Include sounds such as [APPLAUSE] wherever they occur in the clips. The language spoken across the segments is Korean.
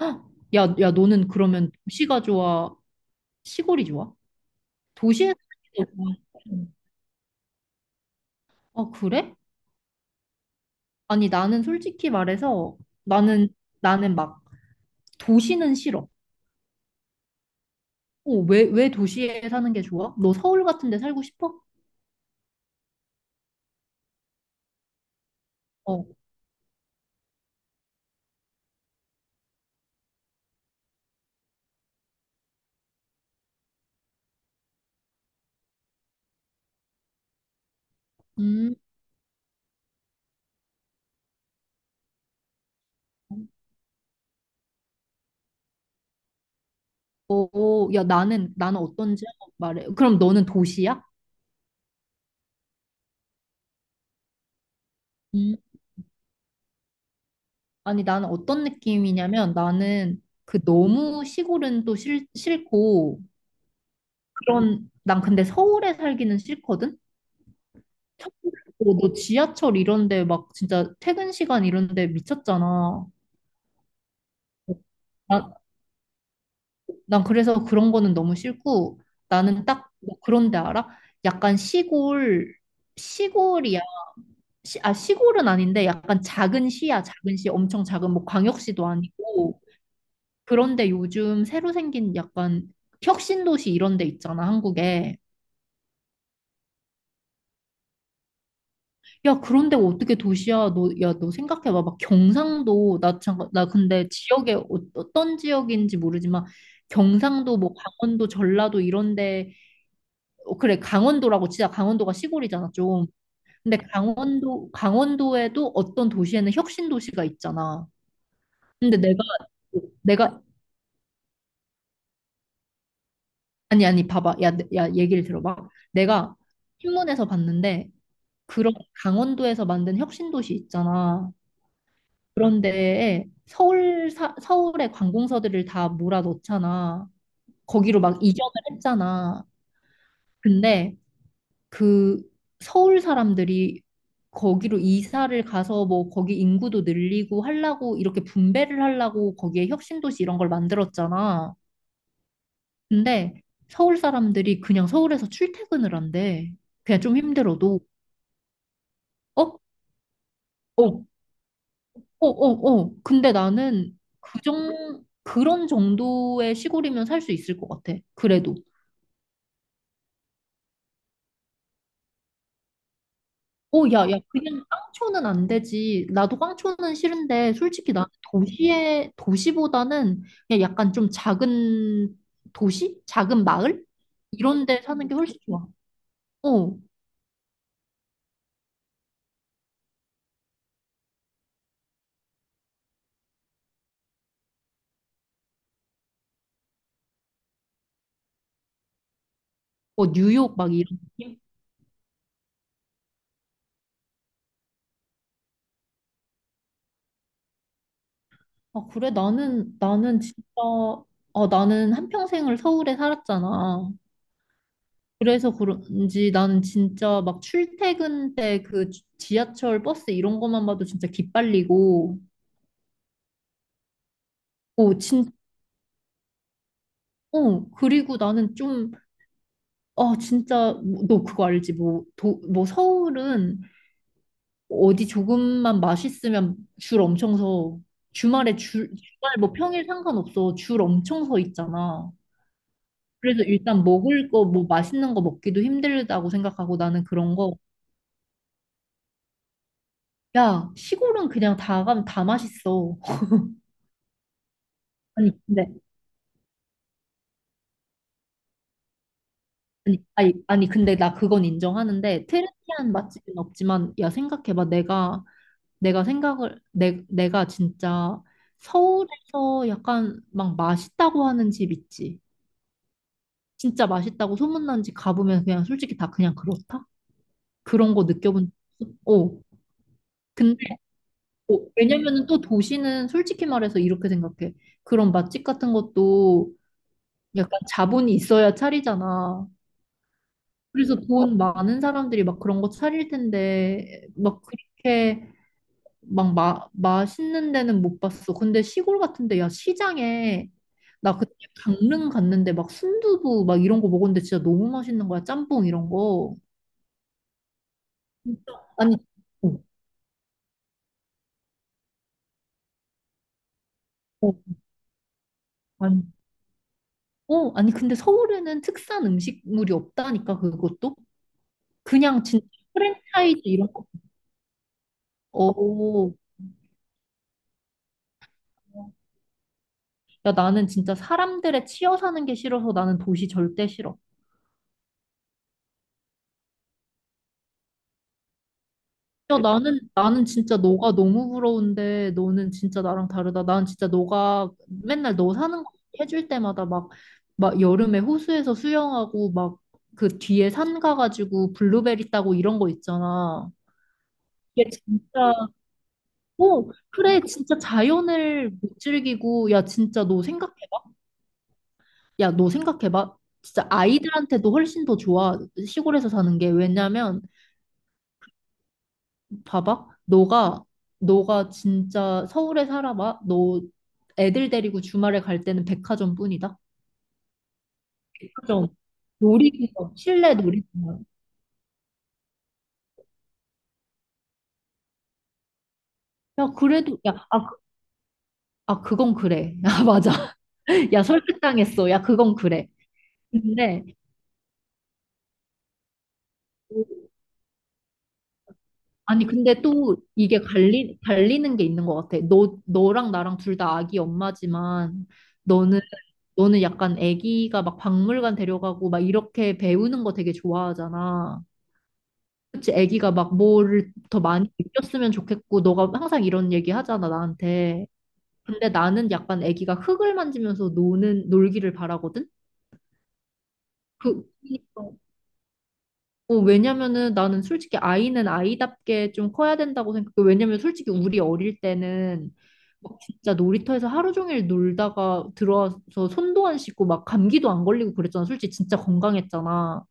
헉! 야, 야, 너는 그러면 도시가 좋아? 시골이 좋아? 도시에서 살기 좋아? 아, 그래? 아니, 나는 솔직히 말해서 나는, 나는 도시는 싫어. 어, 왜 도시에 사는 게 좋아? 너 서울 같은 데 살고 싶어? 어, 음, 어, 어, 야, 나는 어떤지 한번 말해. 그럼 너는 도시야? 음, 아니, 나는 어떤 느낌이냐면 나는 그 너무 시골은 또 싫고 그런, 난 근데 서울에 살기는 싫거든? 어, 너 지하철 이런데 막 진짜 퇴근 시간 이런데 미쳤잖아. 나, 난 그래서 그런 거는 너무 싫고 나는 딱뭐 그런 데 알아? 약간 시골 시골이야. 시, 아 시골은 아닌데 약간 작은 시야. 작은 시 엄청 작은 뭐 광역시도 아니고 그런데 요즘 새로 생긴 약간 혁신도시 이런 데 있잖아 한국에. 야, 그런데 어떻게 도시야? 너, 야, 너 생각해봐. 막 경상도, 나 잠깐, 나 근데 어떤 지역인지 모르지만 경상도, 뭐 강원도, 전라도 이런데, 어, 그래, 강원도라고 치자. 강원도가 시골이잖아, 좀. 근데 강원도에도 어떤 도시에는 혁신 도시가 있잖아. 근데 내가, 내가, 아니, 아니, 봐봐. 야, 얘기를 들어봐. 내가 신문에서 봤는데, 그런 강원도에서 만든 혁신 도시 있잖아. 그런데 서울의 관공서들을 다 몰아넣잖아. 거기로 막 이전을 했잖아. 근데 그 서울 사람들이 거기로 이사를 가서 뭐 거기 인구도 늘리고 하려고 이렇게 분배를 하려고 거기에 혁신도시 이런 걸 만들었잖아. 근데 서울 사람들이 그냥 서울에서 출퇴근을 한대. 그냥 좀 힘들어도 어? 어, 어, 어, 어. 근데 나는 그런 정도의 시골이면 살 수 있을 것 같아. 그래도. 어, 야, 야, 그냥 깡초는 안 되지. 나도 깡초는 싫은데, 솔직히 나는 도시보다는 그냥 약간 좀 작은 도시? 작은 마을? 이런 데 사는 게 훨씬 좋아. 어, 뭐 뉴욕 막 이런 느낌? 아, 그래, 나는 한평생을 서울에 살았잖아. 그래서 그런지 나는 진짜 막 출퇴근 때 그 지하철 버스 이런 것만 봐도 진짜 기빨리고 어, 진, 어, 그리고 나는 좀, 아, 진짜, 뭐, 너 그거 알지? 뭐, 도, 뭐, 서울은 어디 조금만 맛있으면 줄 엄청 서. 주말 뭐 평일 상관없어. 줄 엄청 서 있잖아. 그래서 일단 먹을 거, 뭐 맛있는 거 먹기도 힘들다고 생각하고 나는 그런 거. 야, 시골은 그냥 다 가면 다 맛있어. 아니, 근데 아니, 근데 나 그건 인정하는데, 트렌디한 맛집은 없지만, 야, 생각해봐. 내가 내가 진짜 서울에서 약간 막 맛있다고 하는 집 있지. 진짜 맛있다고 소문난 집 가보면 그냥 솔직히 다 그냥 그렇다? 그런 거 느껴본 적 없어? 어. 근데, 어, 왜냐면은 또 도시는 솔직히 말해서 이렇게 생각해. 그런 맛집 같은 것도 약간 자본이 있어야 차리잖아. 그래서 돈 많은 사람들이 막 그런 거 차릴 텐데 막 그렇게 막 맛있는 데는 못 봤어. 근데 시골 같은데 야 시장에 나 그때 강릉 갔는데 막 순두부 막 이런 거 먹었는데 진짜 너무 맛있는 거야. 짬뽕 이런 거. 진짜? 아니, 어, 어, 아니, 어, 아니 근데 서울에는 특산 음식물이 없다니까 그것도 그냥 진짜 프랜차이즈 이런 거. 어, 야 나는 진짜 사람들의 치여 사는 게 싫어서 나는 도시 절대 싫어. 야, 나는 진짜 너가 너무 부러운데, 너는 진짜 나랑 다르다. 난 진짜 너가 맨날 너 사는 거 해줄 때마다 막, 막 여름에 호수에서 수영하고, 막 그 뒤에 산 가가지고 블루베리 따고 이런 거 있잖아. 이게 진짜, 오, 그래, 진짜 자연을 못 즐기고, 야, 진짜 너 생각해봐. 야, 너 생각해봐. 진짜 아이들한테도 훨씬 더 좋아, 시골에서 사는 게. 왜냐면, 봐봐. 너가 진짜 서울에 살아봐. 너 애들 데리고 주말에 갈 때는 백화점뿐이다. 백화점, 놀이기구, 실내 놀이기구. 야, 그래도, 야, 아, 그- 아, 그건 그래. [LAUGHS] 야, 맞아. [LAUGHS] 야, 설득당했어. 야, 그건 그래. 근데, 어, 아니, 근데 또 이게 갈리는 게 있는 것 같아. 너, 너랑 나랑 둘 다 아기 엄마지만, 너는 너는 약간 아기가 막 박물관 데려가고 막 이렇게 배우는 거 되게 좋아하잖아. 그치, 애기가 막 뭐를 더 많이 느꼈으면 좋겠고, 너가 항상 이런 얘기 하잖아, 나한테. 근데 나는 약간 애기가 흙을 만지면서 놀기를 바라거든? 그러니까. 어, 왜냐면은 나는 솔직히 아이는 아이답게 좀 커야 된다고 생각해. 왜냐면 솔직히 우리 어릴 때는 막 진짜 놀이터에서 하루 종일 놀다가 들어와서 손도 안 씻고 막 감기도 안 걸리고 그랬잖아. 솔직히 진짜 건강했잖아.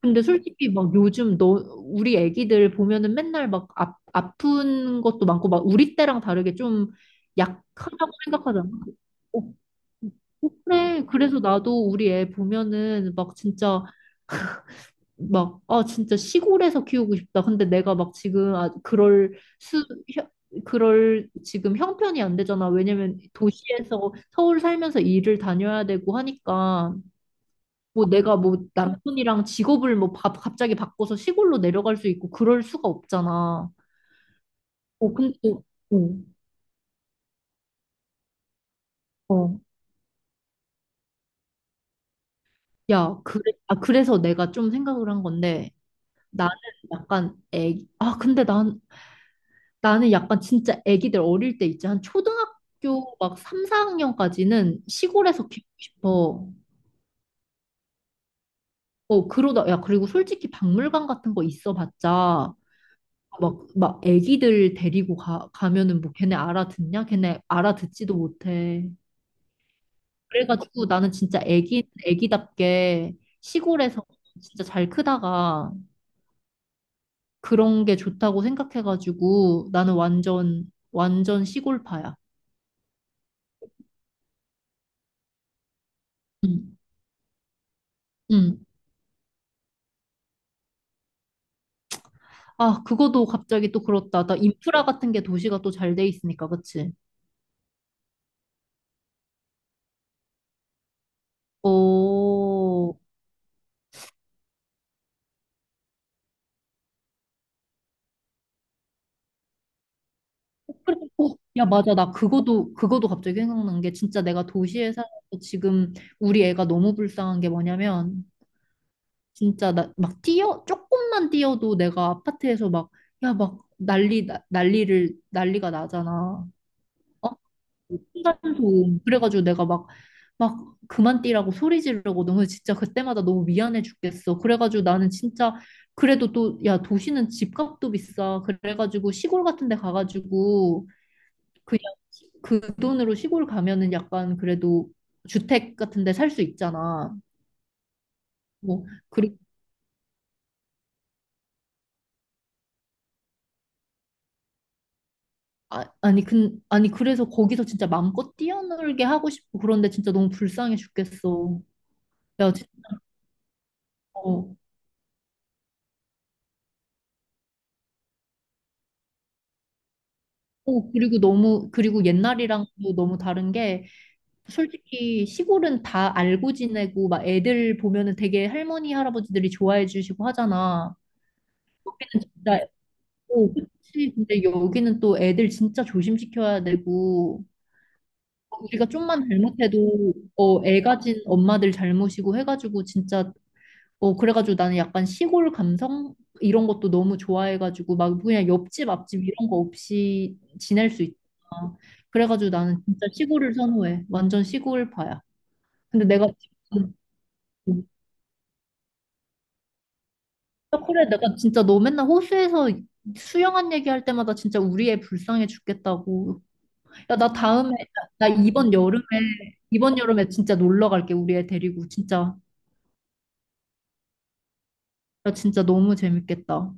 근데 솔직히 막 요즘 너 우리 애기들 보면은 맨날 막 아픈 것도 많고 막 우리 때랑 다르게 좀 약하다고 생각하잖아. 어, 어, 그래. 그래서 나도 우리 애 보면은 막 진짜 막, 아, 진짜 시골에서 키우고 싶다. 근데 내가 막 지금, 아, 수, 혀- 그럴 지금 형편이 안 되잖아. 왜냐면 도시에서 서울 살면서 일을 다녀야 되고 하니까. 뭐 내가 뭐 남편이랑 직업을 뭐 갑자기 바꿔서 시골로 내려갈 수 있고 그럴 수가 없잖아. 어, 근데 또, 어, 어. 야, 그래, 아, 그래서 내가 좀 생각을 한 건데 나는 약간 애기, 아, 근데 난, 나는 약간 진짜 애기들 어릴 때 있지. 한 초등학교 막 3, 4학년까지는 시골에서 키우고 싶어. 어, 그러다, 야, 그리고 솔직히 박물관 같은 거 있어 봤자 막, 막 애기들 데리고 가면은 뭐 걔네 알아듣냐? 걔네 알아듣지도 못해. 그래가지고 나는 진짜 애기답게 시골에서 진짜 잘 크다가 그런 게 좋다고 생각해가지고 나는 완전 시골파야. 응, 응. 아, 그거도 갑자기 또 그렇다. 나 인프라 같은 게 도시가 또 잘 돼 있으니까, 그치? 오... 그래, 어, 야, 맞아. 나 그거도 갑자기 생각난 게 진짜 내가 도시에 살아서 지금 우리 애가 너무 불쌍한 게 뭐냐면 진짜 나 막 뛰어, 조금만 뛰어도 내가 아파트에서 막, 야, 막 난리가 나잖아. 어? 층간소음. 그래가지고 내가 막, 막 그만 뛰라고 소리 지르고 너무 진짜 그때마다 너무 미안해 죽겠어. 그래가지고 나는 진짜 그래도 또, 야, 도시는 집값도 비싸. 그래가지고 시골 같은 데 가가지고 그냥 그 돈으로 시골 가면은 약간 그래도 주택 같은 데 살 수 있잖아. 뭐 그리 아, 아니 근 아니 그래서 거기서 진짜 마음껏 뛰어놀게 하고 싶고 그런데 진짜 너무 불쌍해 죽겠어. 야, 진짜. 어, 어, 그리고 너무 그리고 옛날이랑도 너무 다른 게 솔직히 시골은 다 알고 지내고 막 애들 보면은 되게 할머니 할아버지들이 좋아해 주시고 하잖아. 나, 어, 그치. 근데 여기는 또 애들 진짜 조심시켜야 되고 우리가 좀만 잘못해도 어, 애 가진 엄마들 잘못이고 해가지고 진짜 어, 그래가지고 나는 약간 시골 감성 이런 것도 너무 좋아해가지고 막 그냥 옆집 앞집 이런 거 없이 지낼 수 있잖아. 그래가지고 나는 진짜 시골을 선호해. 완전 시골파야. 근데 내가 그래 내가 진짜 너 맨날 호수에서 수영한 얘기할 때마다 진짜 우리 애 불쌍해 죽겠다고. 야, 나 다음에 나 이번 여름에 이번 여름에 진짜 놀러 갈게. 우리 애 데리고 진짜. 나 진짜 너무 재밌겠다.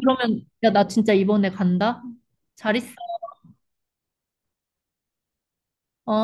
그러면, 야, 나 진짜 이번에 간다? 잘 있어. 어?